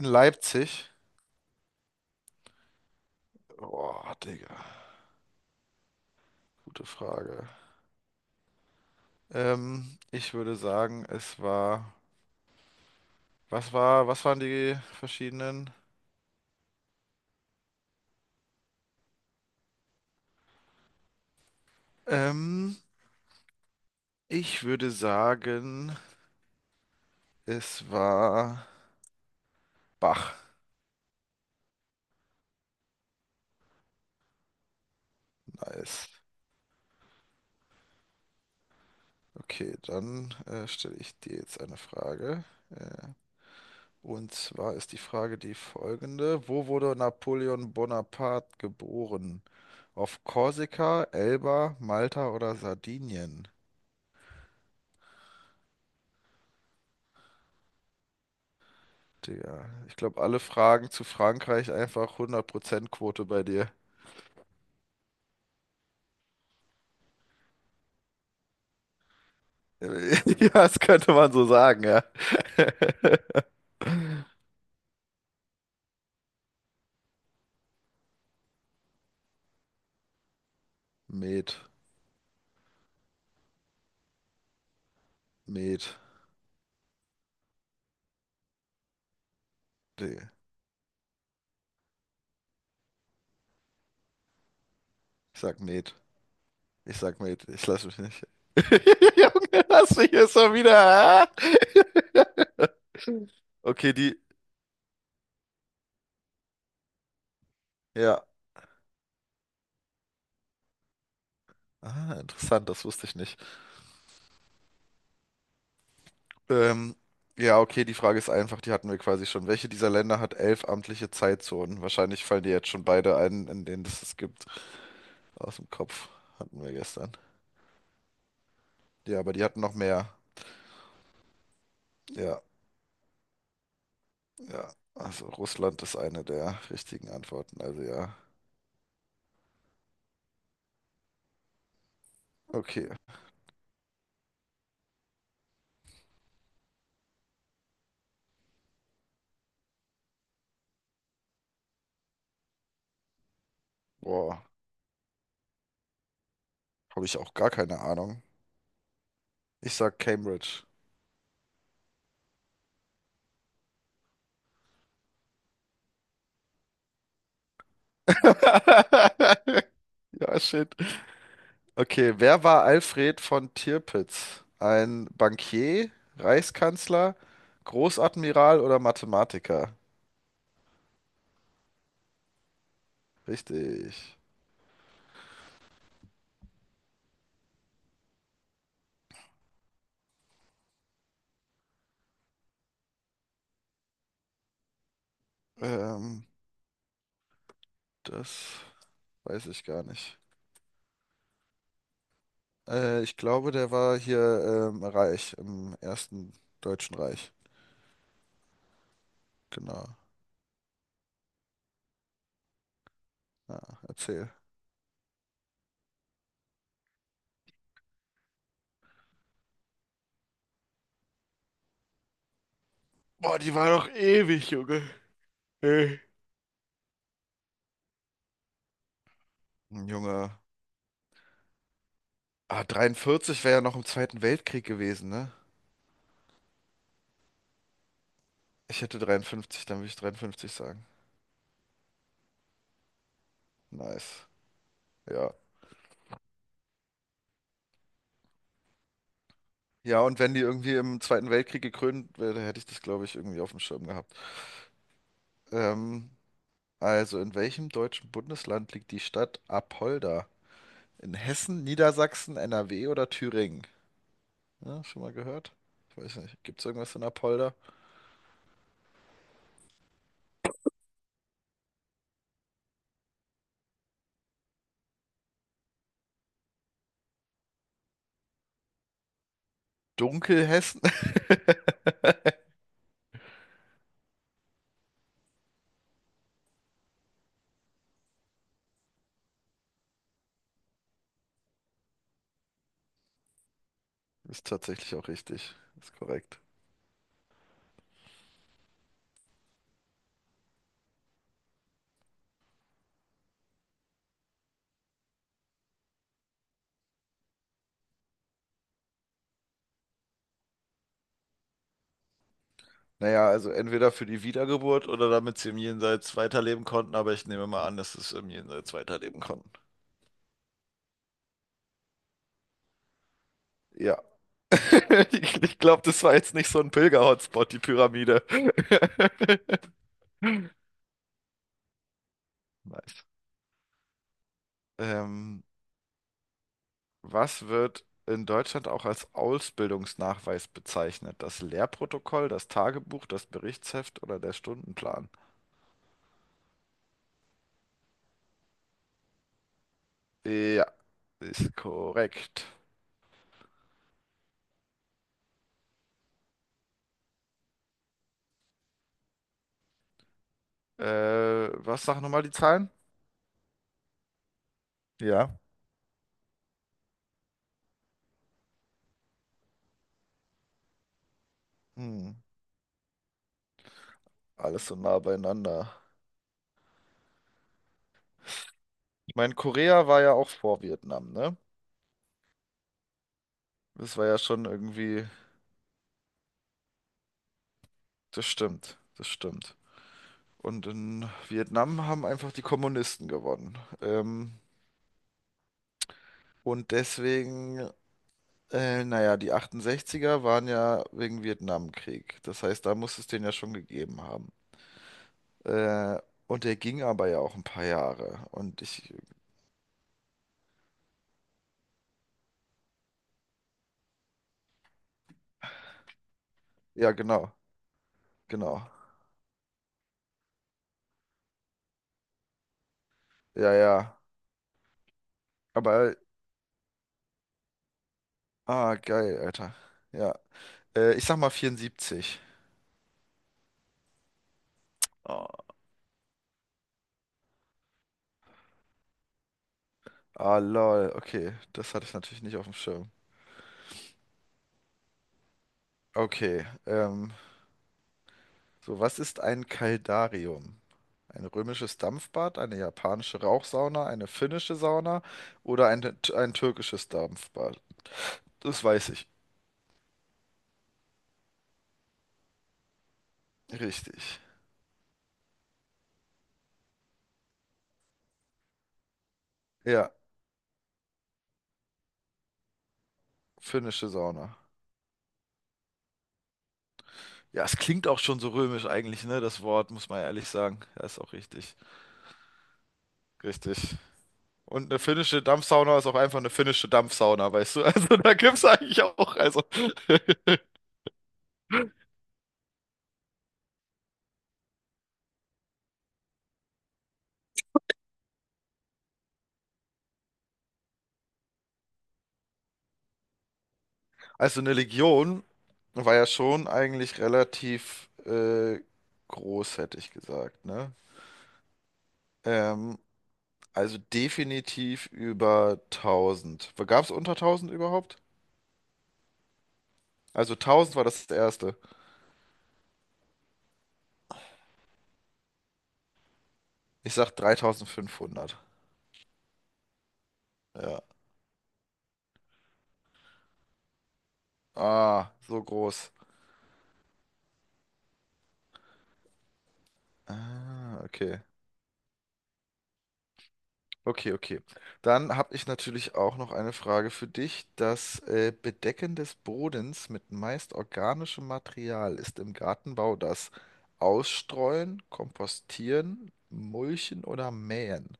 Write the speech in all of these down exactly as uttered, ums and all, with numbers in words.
In Leipzig? Boah, Digga, gute Frage. Ähm, ich würde sagen, es war. Was war, was waren die verschiedenen? Ähm, Ich würde sagen, es war Bach. Nice. Okay, dann äh, stelle ich dir jetzt eine Frage. Äh, und zwar ist die Frage die folgende: Wo wurde Napoleon Bonaparte geboren? Auf Korsika, Elba, Malta oder Sardinien? Digga, ich glaube, alle Fragen zu Frankreich einfach hundert Prozent Quote bei dir. Ja, das könnte man so sagen, ja. Met, Met, Digga. Ich sag Met. Ich sag Met. Ich lass mich nicht. Junge, lass mich jetzt mal wieder. Ah? Okay, die. Ja. Ah, interessant, das wusste ich nicht. Ähm, ja, okay, die Frage ist einfach, die hatten wir quasi schon. Welche dieser Länder hat elf amtliche Zeitzonen? Wahrscheinlich fallen dir jetzt schon beide ein, in denen es es gibt. Aus dem Kopf hatten wir gestern. Ja, aber die hatten noch mehr. Ja, ja. Also Russland ist eine der richtigen Antworten. Also ja. Okay. Boah, habe ich auch gar keine Ahnung. Ich sag Cambridge. Ja, shit. Okay, wer war Alfred von Tirpitz? Ein Bankier, Reichskanzler, Großadmiral oder Mathematiker? Richtig. Ähm, Das weiß ich gar nicht. Äh, ich glaube, der war hier ähm, reich, im Ersten Deutschen Reich. Genau. Ja, erzähl. Boah, die war doch ewig, Junge. Ey. Ein Junge. Ah, dreiundvierzig wäre ja noch im Zweiten Weltkrieg gewesen, ne? Ich hätte dreiundfünfzig, dann würde ich dreiundfünfzig sagen. Nice. Ja. Ja, und wenn die irgendwie im Zweiten Weltkrieg gekrönt wäre, hätte ich das, glaube ich, irgendwie auf dem Schirm gehabt. Ähm, also, in welchem deutschen Bundesland liegt die Stadt Apolda? In Hessen, Niedersachsen, N R W oder Thüringen? Ja, schon mal gehört? Ich weiß nicht. Gibt es irgendwas in Apolda? Dunkelhessen? Ist tatsächlich auch richtig. Ist korrekt. Naja, also entweder für die Wiedergeburt oder damit sie im Jenseits weiterleben konnten, aber ich nehme mal an, dass es im Jenseits weiterleben konnten. Ja. Ich, ich glaube, das war jetzt nicht so ein Pilger-Hotspot, die Pyramide. Nice. Ähm, Was wird in Deutschland auch als Ausbildungsnachweis bezeichnet? Das Lehrprotokoll, das Tagebuch, das Berichtsheft oder der Stundenplan? Ja, ist korrekt. Äh, Was sagen nochmal die Zahlen? Ja. Hm. Alles so nah beieinander. Ich meine, Korea war ja auch vor Vietnam, ne? Das war ja schon irgendwie. Das stimmt, das stimmt. Und in Vietnam haben einfach die Kommunisten gewonnen. Ähm, und deswegen, äh, naja, die achtundsechziger waren ja wegen Vietnamkrieg. Das heißt, da muss es den ja schon gegeben haben. Äh, und der ging aber ja auch ein paar Jahre. Und ich, ja, genau, genau. Ja, ja. Aber, ah, geil, Alter. Ja. Äh, ich sag mal vierundsiebzig. Oh, ah, lol. Okay, das hatte ich natürlich nicht auf dem Schirm. Okay, ähm, so, was ist ein Kaldarium? Ein römisches Dampfbad, eine japanische Rauchsauna, eine finnische Sauna oder ein, ein türkisches Dampfbad? Das weiß ich. Richtig. Ja, finnische Sauna. Ja, es klingt auch schon so römisch eigentlich, ne? Das Wort, muss man ehrlich sagen. Ja, ist auch richtig. Richtig. Und eine finnische Dampfsauna ist auch einfach eine finnische Dampfsauna, weißt du? Also da gibt's eigentlich auch, also. Also eine Legion war ja schon eigentlich relativ äh, groß, hätte ich gesagt, ne? Ähm, also definitiv über tausend. Gab es unter tausend überhaupt? Also tausend war das erste. Ich sag dreitausendfünfhundert. Ja. Ah, so groß. Ah, okay. Okay, okay. Dann habe ich natürlich auch noch eine Frage für dich. Das äh, Bedecken des Bodens mit meist organischem Material ist im Gartenbau das Ausstreuen, Kompostieren, Mulchen oder Mähen.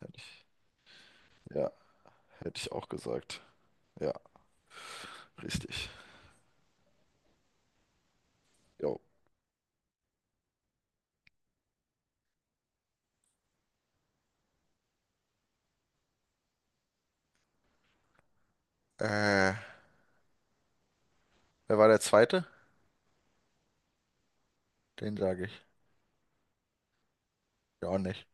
Hätte ich, ja, hätte ich auch gesagt. Ja, richtig. Jo. Äh, wer war der Zweite? Den sage ich. Ja, auch nicht.